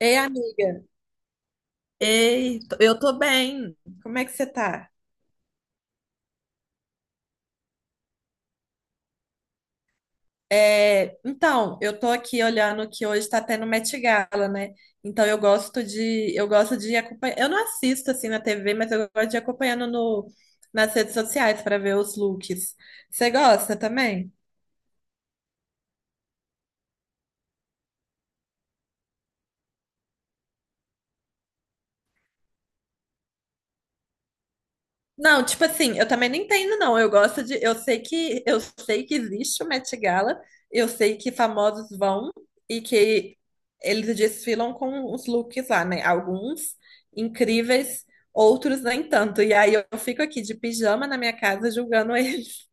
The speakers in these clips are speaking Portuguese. Ei, amiga. Eu tô bem. Como é que você tá? Então, eu tô aqui olhando que hoje tá tendo Met Gala, né? Então eu gosto de acompanhar. Eu não assisto assim na TV, mas eu gosto de ir acompanhando no nas redes sociais para ver os looks. Você gosta também? Não, tipo assim, eu também não entendo, não. Eu gosto de. Eu sei que existe o Met Gala, eu sei que famosos vão e que eles desfilam com os looks lá, né? Alguns incríveis, outros nem tanto. E aí eu fico aqui de pijama na minha casa julgando eles.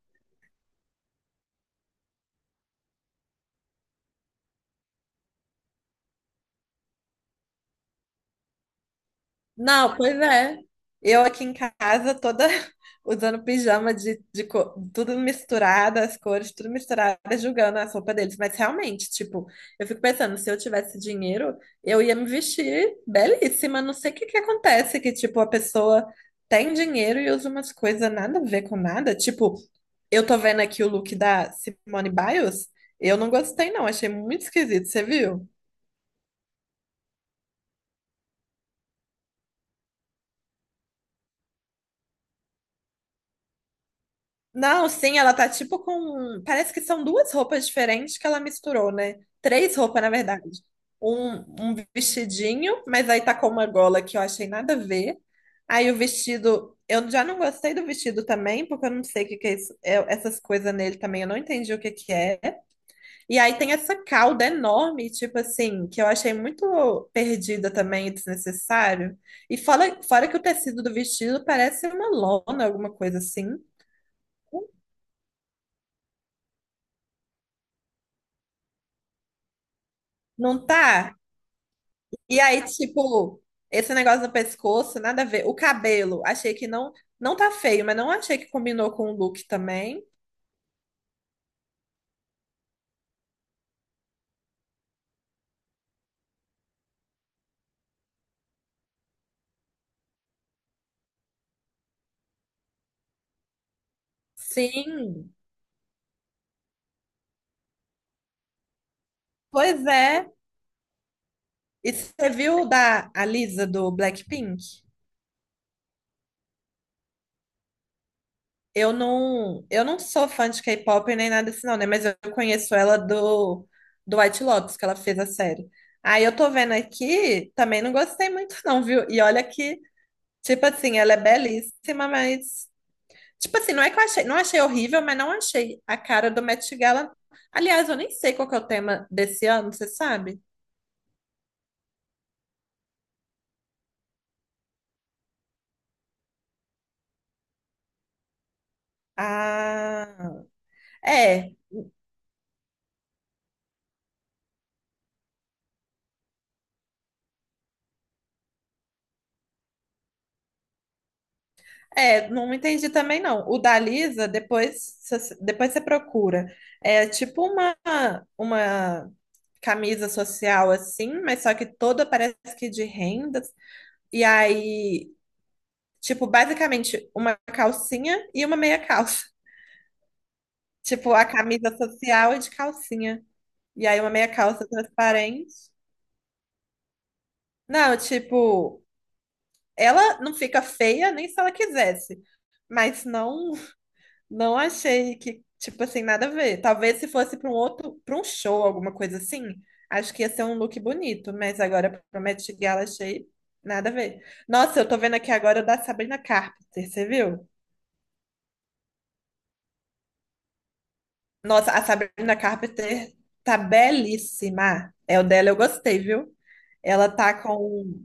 Não, pois é. Eu aqui em casa toda usando pijama tudo misturado, as cores tudo misturado, julgando a roupas deles. Mas realmente, tipo, eu fico pensando, se eu tivesse dinheiro, eu ia me vestir belíssima. Não sei o que que acontece, que tipo, a pessoa tem dinheiro e usa umas coisas nada a ver com nada. Tipo, eu tô vendo aqui o look da Simone Biles, eu não gostei não, achei muito esquisito, você viu? Não, sim, ela tá tipo com. Parece que são duas roupas diferentes que ela misturou, né? Três roupas, na verdade. Um vestidinho, mas aí tá com uma gola que eu achei nada a ver. Aí o vestido. Eu já não gostei do vestido também, porque eu não sei o que que é isso. Essas coisas nele também, eu não entendi o que que é. E aí tem essa cauda enorme, tipo assim, que eu achei muito perdida também, e desnecessário. E fora que o tecido do vestido parece uma lona, alguma coisa assim. Não tá? E aí, tipo, esse negócio do pescoço, nada a ver. O cabelo, achei que não, não tá feio, mas não achei que combinou com o look também. Sim, pois é. E você viu da a Lisa do Blackpink? Eu não sou fã de K-pop nem nada assim, não, né? Mas eu conheço ela do White Lotus, que ela fez a série. Aí eu tô vendo aqui, também não gostei muito, não, viu? E olha que, tipo assim, ela é belíssima, mas tipo assim, não é que eu achei, não achei horrível, mas não achei a cara do Met Gala. Aliás, eu nem sei qual que é o tema desse ano, você sabe? Ah, é, não entendi também não. O da Lisa, depois você procura. É uma camisa social assim, mas só que toda parece que de rendas. E aí, tipo, basicamente uma calcinha e uma meia calça. Tipo, a camisa social é de calcinha. E aí uma meia calça transparente. Não, tipo, ela não fica feia nem se ela quisesse. Mas não, não achei que, tipo assim, nada a ver. Talvez se fosse para um outro, para um show, alguma coisa assim, acho que ia ser um look bonito, mas agora pro Met Gala achei nada a ver. Nossa, eu tô vendo aqui agora o da Sabrina Carpenter, você viu? Nossa, a Sabrina Carpenter tá belíssima. É o dela, eu gostei, viu? Ela tá com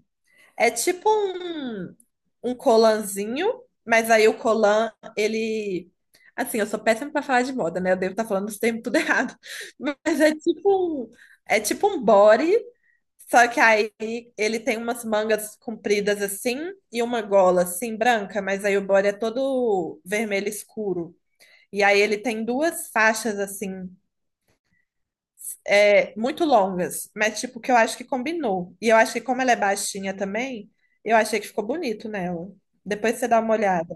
é um colanzinho, mas aí o colan, ele. Assim, eu sou péssima pra falar de moda, né? Eu devo estar falando os termos tudo errado. Mas é é tipo um body, só que aí ele tem umas mangas compridas assim e uma gola assim branca, mas aí o body é todo vermelho escuro. E aí ele tem duas faixas assim é, muito longas, mas tipo que eu acho que combinou. E eu acho que como ela é baixinha também, eu achei que ficou bonito nela. Depois você dá uma olhada.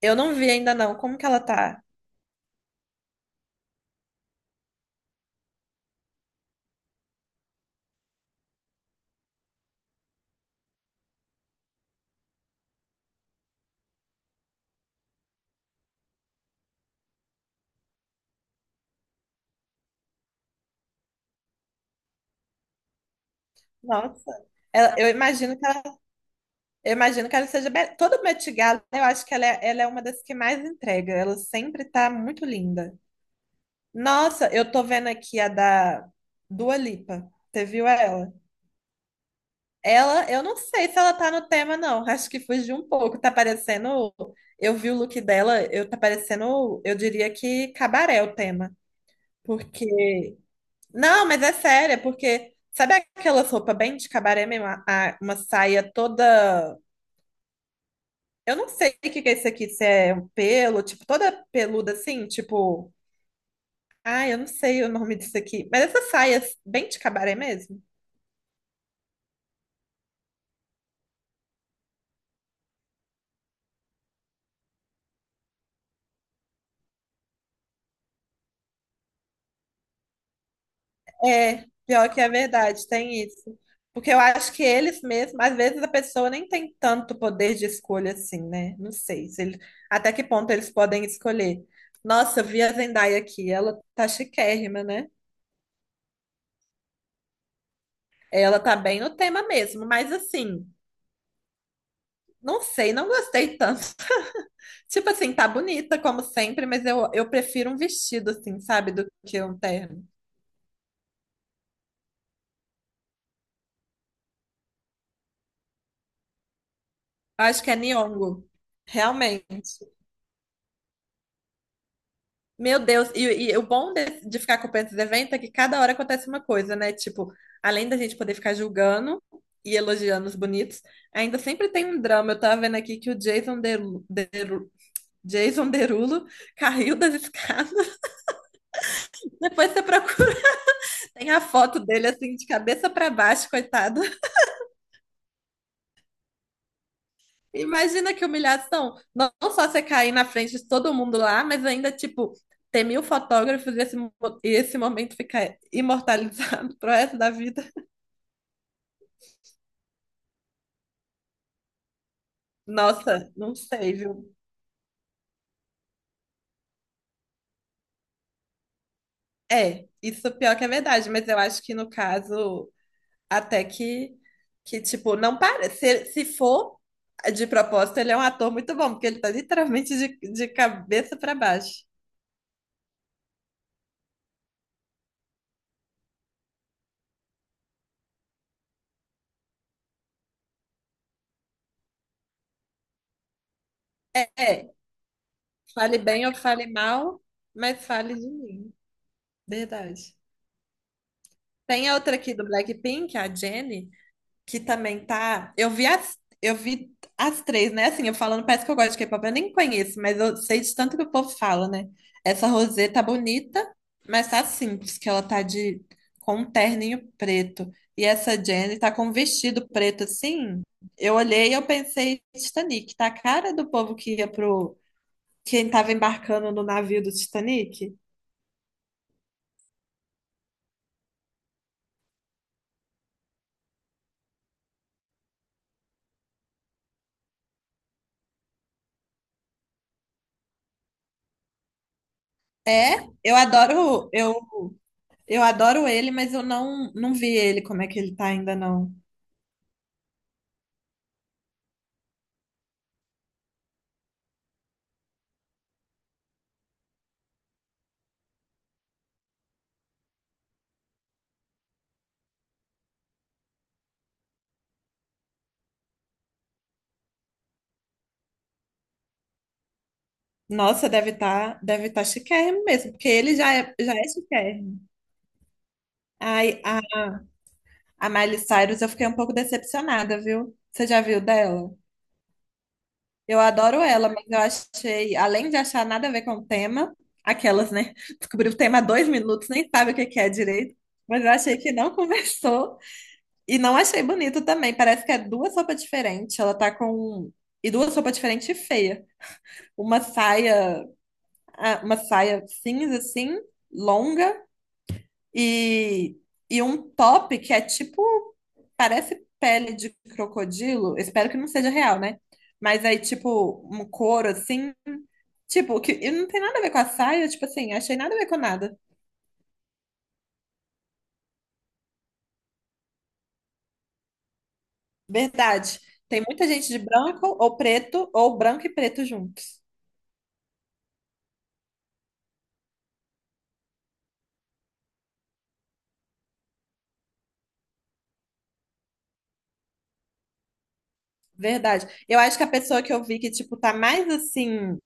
Eu não vi ainda não, como que ela tá? Nossa. Ela- eu imagino que ela, eu imagino que ela toda Met Gala, eu acho que ela é uma das que mais entrega. Ela sempre tá muito linda. Nossa, eu tô vendo aqui a da Dua Lipa. Você viu ela? Ela, eu não sei se ela tá no tema, não. Acho que fugiu um pouco. Tá parecendo. Eu vi o look dela, eu tá parecendo, eu diria que cabaré o tema. Porque. Não, mas é sério, é porque. Sabe aquelas roupas bem de cabaré mesmo? Uma saia toda. Eu não sei o que que é isso aqui, se é um pelo, tipo, toda peluda assim, tipo. Ah, eu não sei o nome disso aqui. Mas essas saias bem de cabaré mesmo. É, pior que é verdade, tem isso. Porque eu acho que eles mesmos, às vezes a pessoa nem tem tanto poder de escolha assim, né? Não sei se ele- Até que ponto eles podem escolher. Nossa, eu vi a Zendaya aqui, ela tá chiquérrima, né? Ela tá bem no tema mesmo, mas assim, não sei, não gostei tanto. Tipo assim, tá bonita como sempre, mas eu prefiro um vestido assim, sabe, do que um terno. Eu acho que é Nyong'o, realmente. Meu Deus, e, o bom de ficar acompanhando esses eventos é que cada hora acontece uma coisa, né? Tipo, além da gente poder ficar julgando e elogiando os bonitos, ainda sempre tem um drama. Eu tava vendo aqui que o Jason Derulo caiu das escadas. Depois você procura, tem a foto dele assim, de cabeça pra baixo, coitado. Imagina que humilhação. Não não só você cair na frente de todo mundo lá, mas ainda, tipo, ter 1000 fotógrafos e e esse momento ficar imortalizado pro resto da vida. Nossa, não sei, viu? É, isso pior que é verdade, mas eu acho que no caso, até que, que tipo, não parece. Se for de propósito, ele é um ator muito bom, porque ele tá literalmente de cabeça pra baixo. É, fale bem ou fale mal, mas fale de mim. Verdade. Tem a outra aqui do Blackpink, a Jennie, que também tá. Eu vi as três, né? Assim, eu falando, parece que eu gosto de K-pop, eu nem conheço, mas eu sei de tanto que o povo fala, né? Essa Rosé tá bonita, mas tá simples, que ela tá de com um terninho preto. E essa Jennie tá com um vestido preto assim. Eu olhei e eu pensei, Titanic, tá a cara do povo que ia pro quem tava embarcando no navio do Titanic. É, eu adoro, eu adoro ele, mas eu não vi ele como é que ele tá ainda não. Nossa, deve estar, deve tá chiquérrimo mesmo, porque já é chiquérrimo. Ai, a, a Miley Cyrus eu fiquei um pouco decepcionada, viu? Você já viu dela? Eu adoro ela, mas eu achei, além de achar nada a ver com o tema, aquelas, né? Descobriu o tema há 2 minutos, nem sabe o que que é direito, mas eu achei que não conversou e não achei bonito também. Parece que é duas roupas diferentes. Ela tá com. um, E duas roupas diferentes e feia. Uma saia, uma saia cinza, assim, longa. E, e um top que é tipo, parece pele de crocodilo. Espero que não seja real, né? Mas aí, tipo, um couro assim. Tipo, que e não tem nada a ver com a saia, tipo assim, achei nada a ver com nada. Verdade. Tem muita gente de branco ou preto, ou branco e preto juntos. Verdade. Eu acho que a pessoa que eu vi que, tipo, tá mais assim,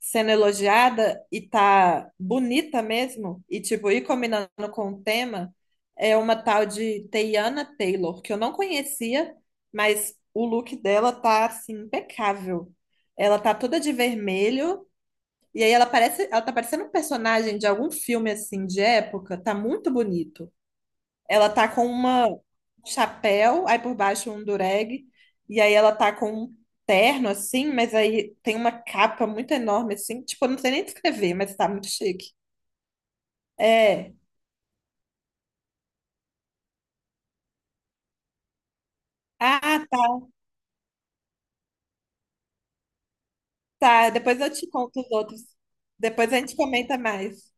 sendo elogiada e tá bonita mesmo, e tipo, ir combinando com o tema, é uma tal de Teyana Taylor, que eu não conhecia, mas o look dela tá assim impecável. Ela tá toda de vermelho, e aí ela parece, ela tá parecendo um personagem de algum filme assim de época, tá muito bonito. Ela tá com uma um chapéu, aí por baixo um dureg, e aí ela tá com um terno assim, mas aí tem uma capa muito enorme assim, tipo, eu não sei nem descrever, mas tá muito chique. É. Ah, tá, tá. Depois eu te conto os outros. Depois a gente comenta mais.